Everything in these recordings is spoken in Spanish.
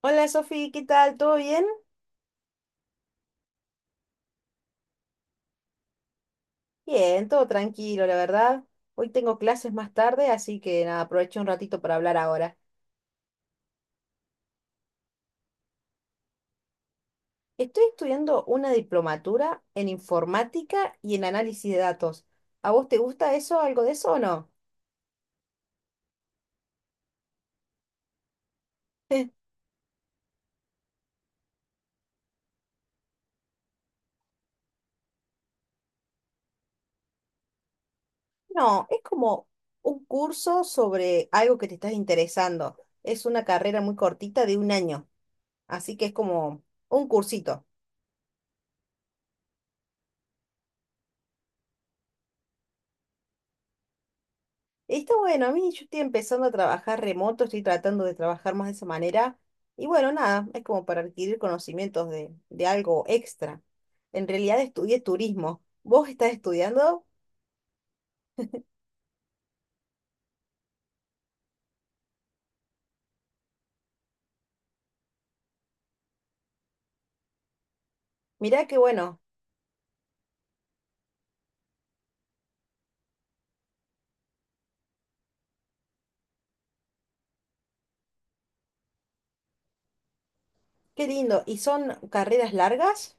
Hola Sofi, ¿qué tal? ¿Todo bien? Bien, todo tranquilo, la verdad. Hoy tengo clases más tarde, así que nada, aproveché un ratito para hablar ahora. Estoy estudiando una diplomatura en informática y en análisis de datos. ¿A vos te gusta eso, algo de eso o no? No, es como un curso sobre algo que te estás interesando. Es una carrera muy cortita de un año, así que es como un cursito. Está bueno, a mí yo estoy empezando a trabajar remoto, estoy tratando de trabajar más de esa manera. Y bueno, nada, es como para adquirir conocimientos de algo extra. En realidad estudié turismo. ¿Vos estás estudiando? Mirá qué bueno, qué lindo. ¿Y son carreras largas?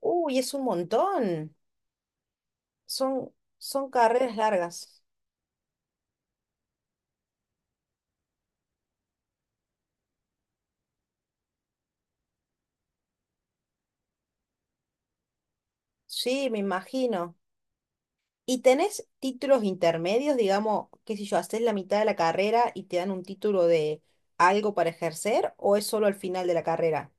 Uy, es un montón. Son, son carreras largas. Sí, me imagino. ¿Y tenés títulos intermedios, digamos, qué sé yo, haces la mitad de la carrera y te dan un título de algo para ejercer o es solo al final de la carrera?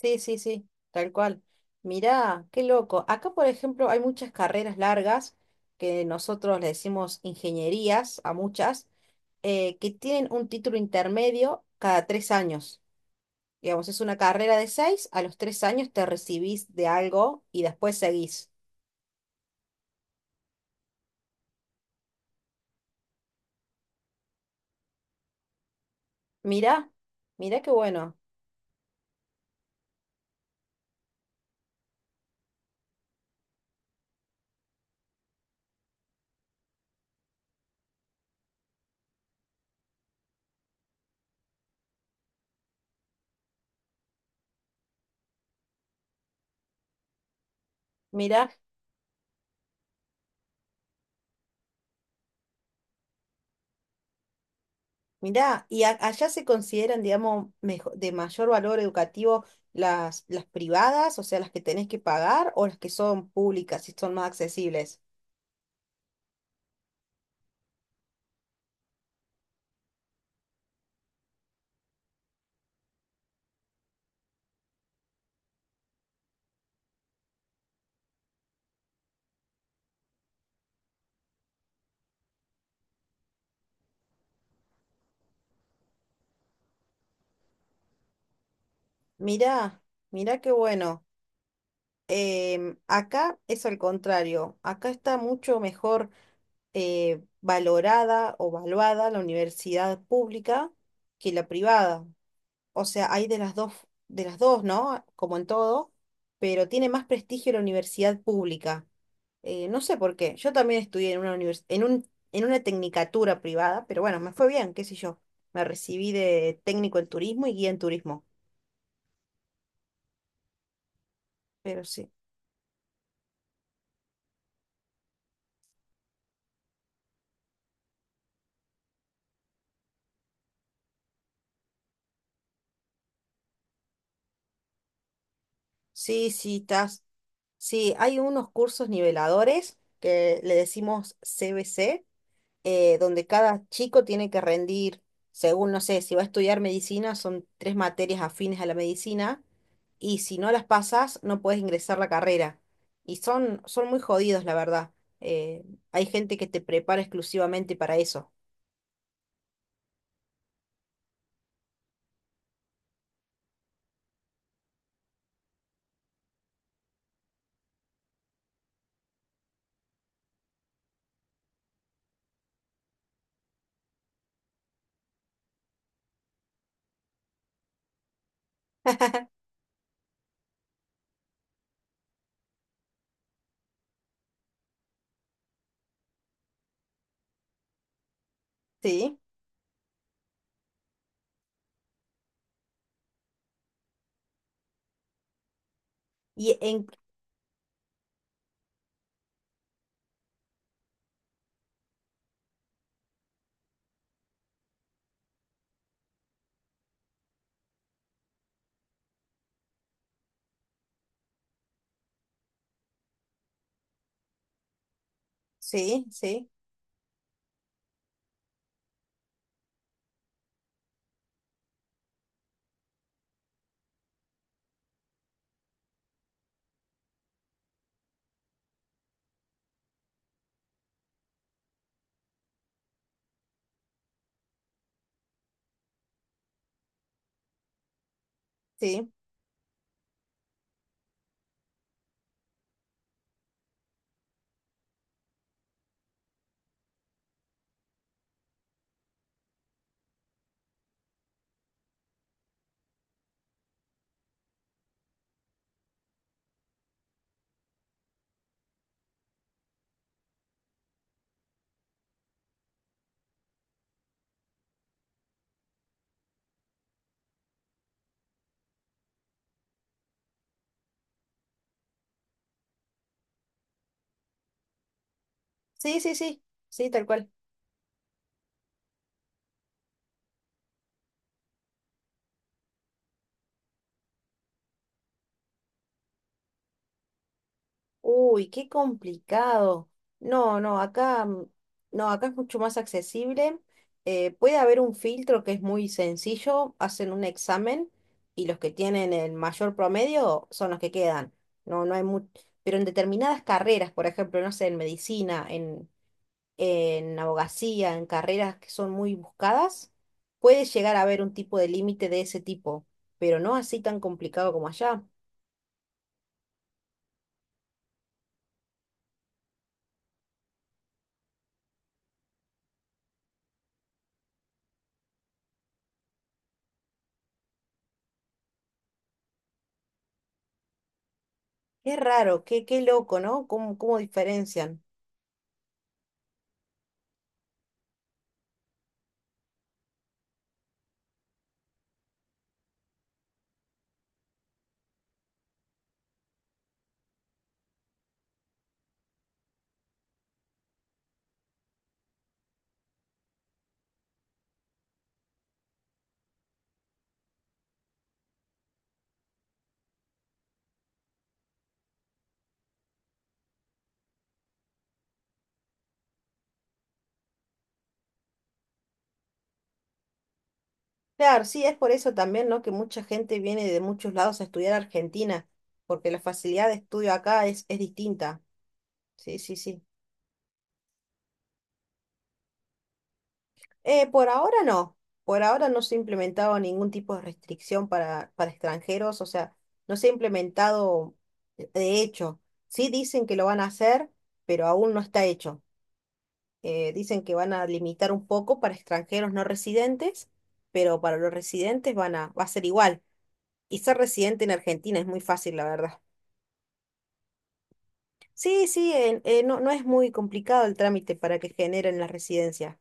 Sí, sí, sí, tal cual. Mirá, qué loco. Acá, por ejemplo, hay muchas carreras largas que nosotros le decimos ingenierías a muchas, que tienen un título intermedio cada 3 años. Digamos, es una carrera de 6, a los 3 años te recibís de algo y después seguís. Mirá, mirá qué bueno. Mirá. Mirá, ¿y allá se consideran, digamos, de mayor valor educativo las privadas, o sea, las que tenés que pagar, o las que son públicas y son más accesibles? Mirá, mirá qué bueno. Acá es al contrario, acá está mucho mejor valorada o valuada la universidad pública que la privada. O sea, hay de las dos, ¿no? Como en todo, pero tiene más prestigio la universidad pública. No sé por qué. Yo también estudié en una en en una tecnicatura privada, pero bueno, me fue bien, qué sé yo. Me recibí de técnico en turismo y guía en turismo. Pero sí. Sí, sí, estás. Sí, hay unos cursos niveladores que le decimos CBC, donde cada chico tiene que rendir, según, no sé, si va a estudiar medicina, son 3 materias afines a la medicina y si no las pasas, no puedes ingresar la carrera. Y son muy jodidos, la verdad. Eh, Hay gente que te prepara exclusivamente para eso. Sí. Y en... Sí, sí, sí. Sí, sí, sí. Sí, tal cual. Uy, qué complicado. No, no, acá, no, acá es mucho más accesible. Puede haber un filtro que es muy sencillo, hacen un examen y los que tienen el mayor promedio son los que quedan. No, no hay mucho. Pero en determinadas carreras, por ejemplo, no sé, en medicina, en abogacía, en carreras que son muy buscadas, puede llegar a haber un tipo de límite de ese tipo, pero no así tan complicado como allá. Es raro, qué, qué loco, ¿no? ¿Cómo, cómo diferencian? Claro, sí, es por eso también, ¿no? Que mucha gente viene de muchos lados a estudiar a Argentina, porque la facilidad de estudio acá es distinta. Sí, sí, sí. Por ahora no, por ahora no se ha implementado ningún tipo de restricción para extranjeros, o sea, no se ha implementado de hecho. Sí dicen que lo van a hacer, pero aún no está hecho. Dicen que van a limitar un poco para extranjeros no residentes, pero para los residentes van a, va a ser igual. Y ser residente en Argentina es muy fácil, la verdad. Sí, sí, no, no es muy complicado el trámite para que generen la residencia.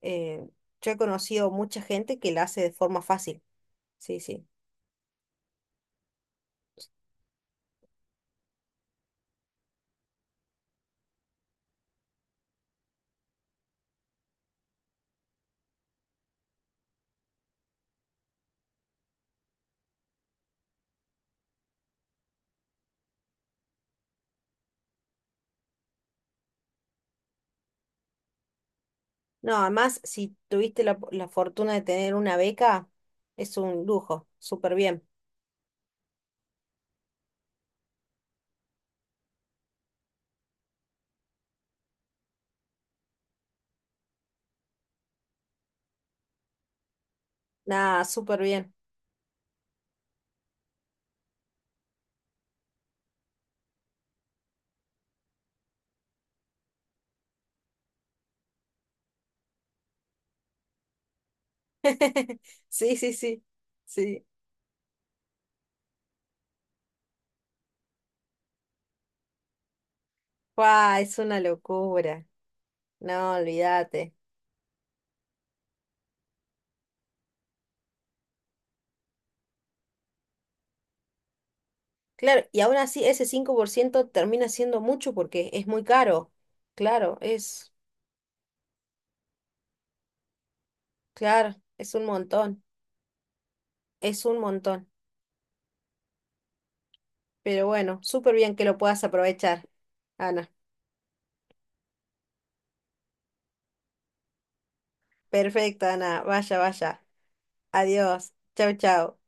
Eh, yo he conocido mucha gente que la hace de forma fácil. Sí, sí. No, además, si tuviste la fortuna de tener una beca, es un lujo. Súper bien. Nada, súper bien. Sí, sí, sí. Sí. ¡Guau! Es una locura. No, olvídate. Claro, y aún así ese 5% termina siendo mucho porque es muy caro. Claro, es, claro, es un montón. Es un montón, pero bueno, súper bien que lo puedas aprovechar, Ana. Perfecto, Ana. Vaya, vaya. Adiós. Chau, chau.